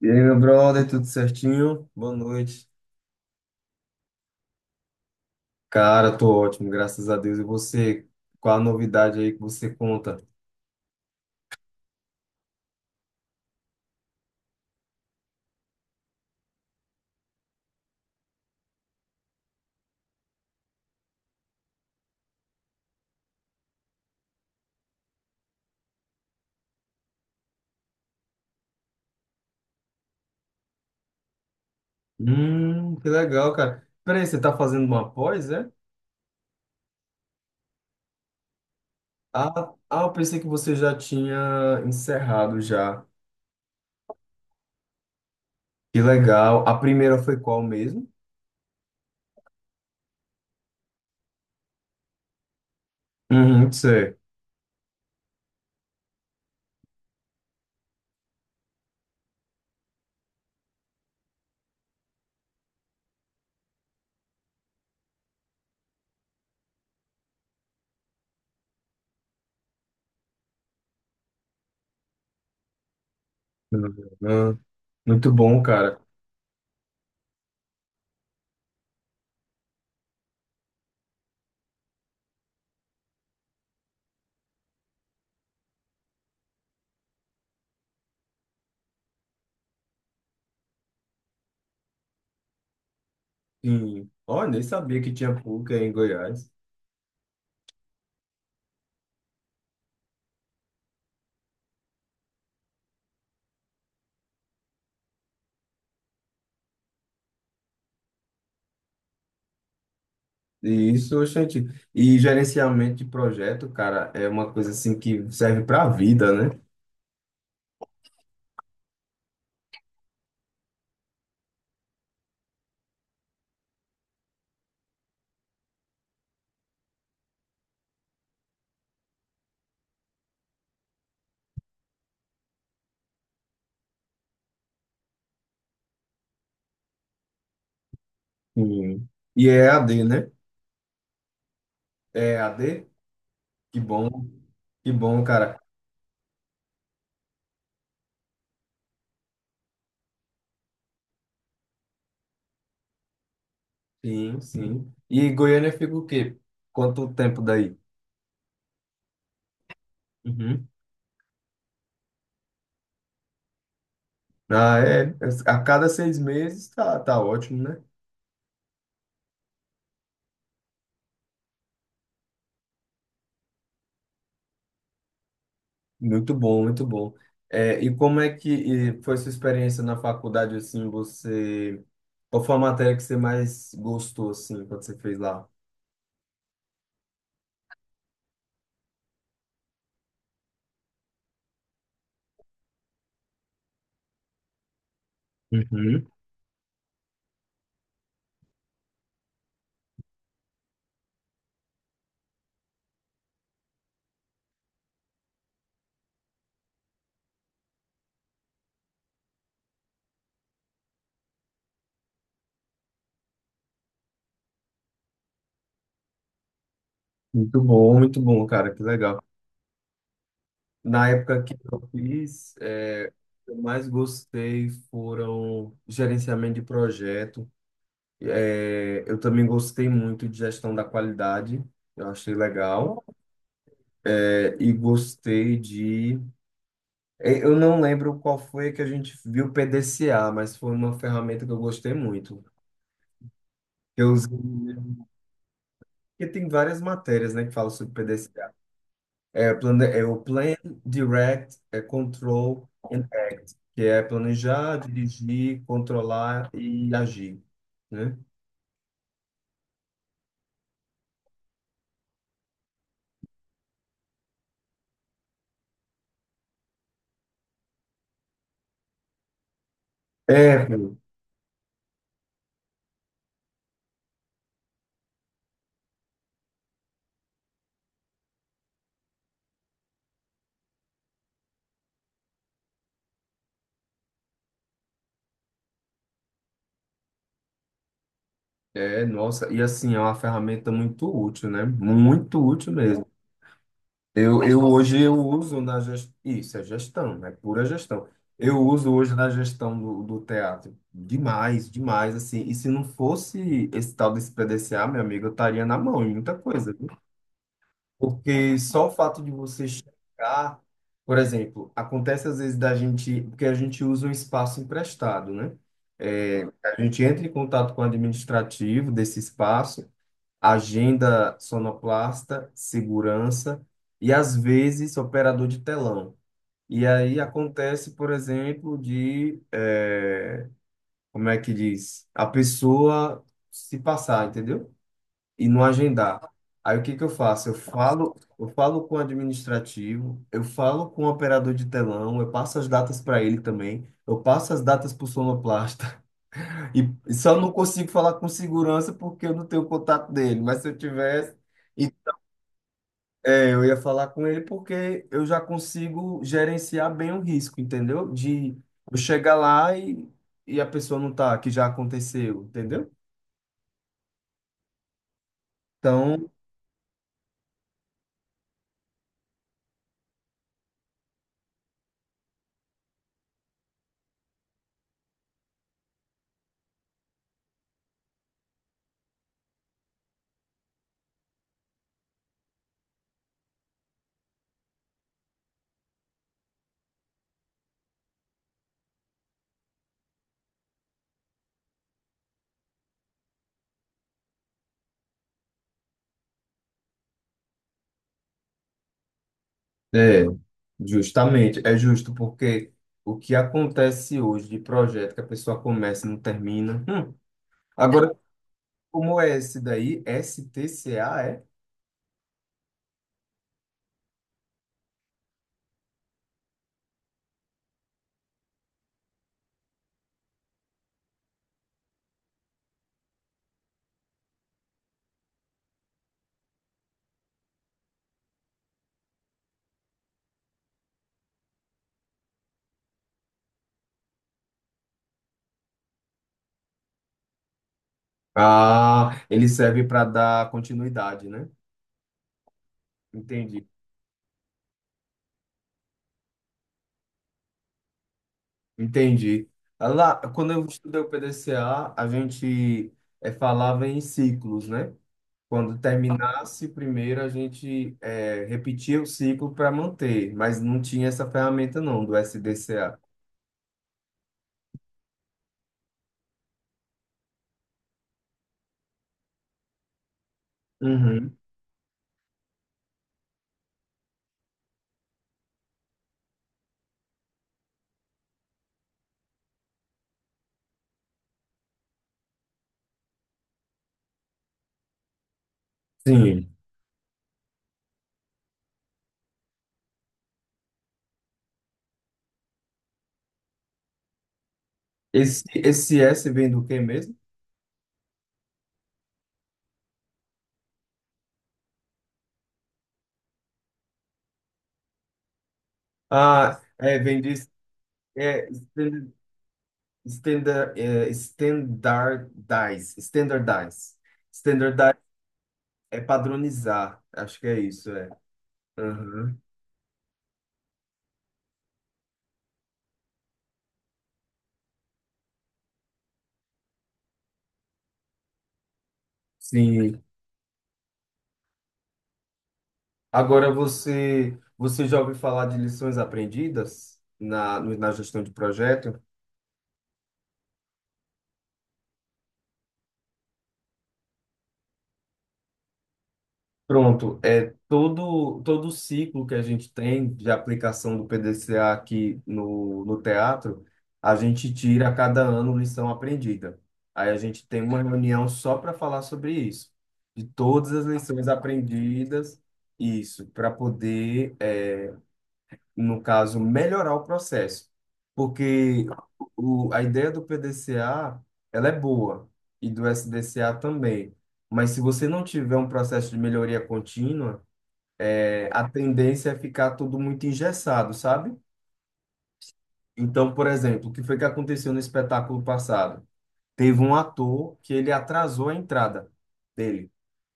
E aí, meu brother, tudo certinho? Boa noite. Cara, tô ótimo, graças a Deus. E você? Qual a novidade aí que você conta? Que legal, cara. Peraí, você tá fazendo uma pós, é? Ah, eu pensei que você já tinha encerrado já. Que legal. A primeira foi qual mesmo? Uhum, sei. Uhum. Muito bom, cara. Sim. Olha, nem sabia que tinha PUC aí em Goiás. E isso, gente. E gerenciamento de projeto, cara, é uma coisa assim que serve para a vida, né? Sim. E é EAD, né? É EAD? Que bom, que bom, cara. Sim, sim. E Goiânia fica o quê? Quanto tempo daí? Uhum. Ah, é. É, A cada seis meses tá, tá ótimo, né? Muito bom, muito bom. É, e como é que foi sua experiência na faculdade, assim, você... Qual foi a matéria que você mais gostou, assim, quando você fez lá? Uhum. Muito bom, cara, que legal. Na época que eu fiz, é, o que eu mais gostei foram gerenciamento de projeto. É, eu também gostei muito de gestão da qualidade, eu achei legal. É, e gostei de... é, eu não lembro qual foi que a gente viu PDCA, mas foi uma ferramenta que eu gostei muito. Eu usei... Porque tem várias matérias, né, que falam sobre PDCA. É, plan... é o Plan, Direct, é Control, que é planejar, dirigir, controlar e agir, né? É, pô. É, nossa, e assim, é uma ferramenta muito útil, né? Muito útil mesmo. Eu hoje eu uso na gestão, isso é gestão, é pura gestão. Eu uso hoje na gestão do teatro demais, demais, assim. E se não fosse esse tal desse PDCA, meu amigo, eu estaria na mão em muita coisa, viu? Porque só o fato de você chegar, por exemplo, acontece às vezes da gente, porque a gente usa um espaço emprestado, né? É, a gente entra em contato com o administrativo desse espaço, agenda sonoplasta, segurança e às vezes operador de telão. E aí acontece, por exemplo, de, como é que diz? A pessoa se passar, entendeu? E não agendar. Aí o que que eu faço? Eu falo com o administrativo, eu falo com o operador de telão, eu passo as datas para ele também, eu passo as datas para o sonoplasta. E e só não consigo falar com segurança porque eu não tenho contato dele, mas se eu tivesse, e- é, eu ia falar com ele porque eu já consigo gerenciar bem o risco, entendeu? De eu chegar lá e a pessoa não tá, que já aconteceu, entendeu? Então, é, justamente, é justo, porque o que acontece hoje de projeto que a pessoa começa e não termina. Hum. Agora, como é esse daí? S T C A é? Ah, ele serve para dar continuidade, né? Entendi, entendi. Ah, lá, quando eu estudei o P D C A, a gente falava em ciclos, né? Quando terminasse o primeiro, a gente repetia o ciclo para manter, mas não tinha essa ferramenta não, do S D SDCA. Uhum. Sim. Esse S vem do quê mesmo? Ah, é, vem de é, stan- standard, é, standardize. Standardize é padronizar, acho que é isso, é. Aham. Sim. Agora você, você já ouviu falar de lições aprendidas na gestão de projeto? Pronto, é todo todo o ciclo que a gente tem de aplicação do PDCA aqui no teatro, a gente tira a cada ano lição aprendida. Aí a gente tem uma reunião só para falar sobre isso, de todas as lições aprendidas, isso, para poder no caso, melhorar o processo. Porque a ideia do P D C A ela é boa, e do S D C A também. Mas se você não tiver um processo de melhoria contínua, é, a tendência é ficar tudo muito engessado, sabe? Então, por exemplo, o que foi que aconteceu no espetáculo passado? Teve um ator que ele atrasou a entrada dele.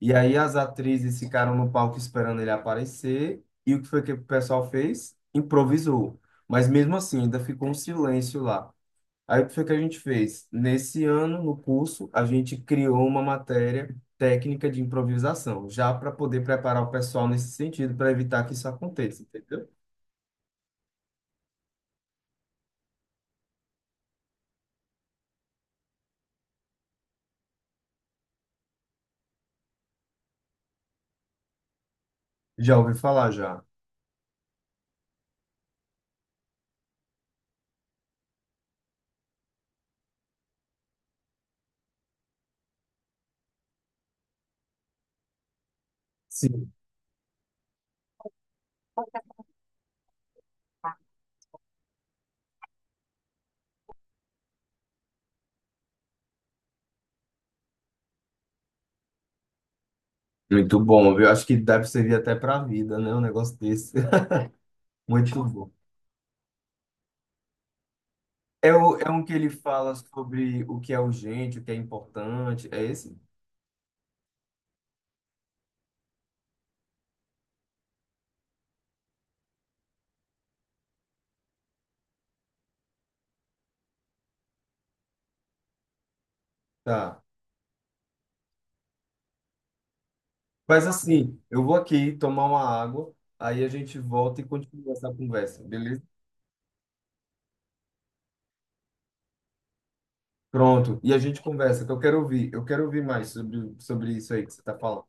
E aí as atrizes ficaram no palco esperando ele aparecer. E o que foi que o pessoal fez? Improvisou. Mas mesmo assim, ainda ficou um silêncio lá. Aí o que foi que a gente fez? Nesse ano, no curso, a gente criou uma matéria técnica de improvisação, já para poder preparar o pessoal nesse sentido, para evitar que isso aconteça, entendeu? Já ouvi falar já. Sim. Muito bom, viu? Acho que deve servir até para a vida, né? Um negócio desse. Muito bom. É, o, é um que ele fala sobre o que é urgente, o que é importante. É esse? Tá. Mas assim, eu vou aqui tomar uma água, aí a gente volta e continua essa conversa, beleza? Pronto. E a gente conversa, que eu quero ouvir. Eu quero ouvir mais sobre isso aí que você está falando.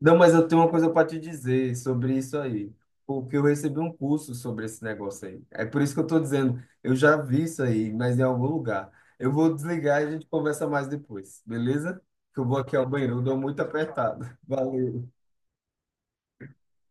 Não, mas eu tenho uma coisa para te dizer sobre isso aí, porque eu recebi um curso sobre esse negócio aí. É por isso que eu estou dizendo, eu já vi isso aí, mas em algum lugar. Eu vou desligar e a gente conversa mais depois, beleza? Que eu vou aqui ao banheiro, eu dou muito apertado. Valeu.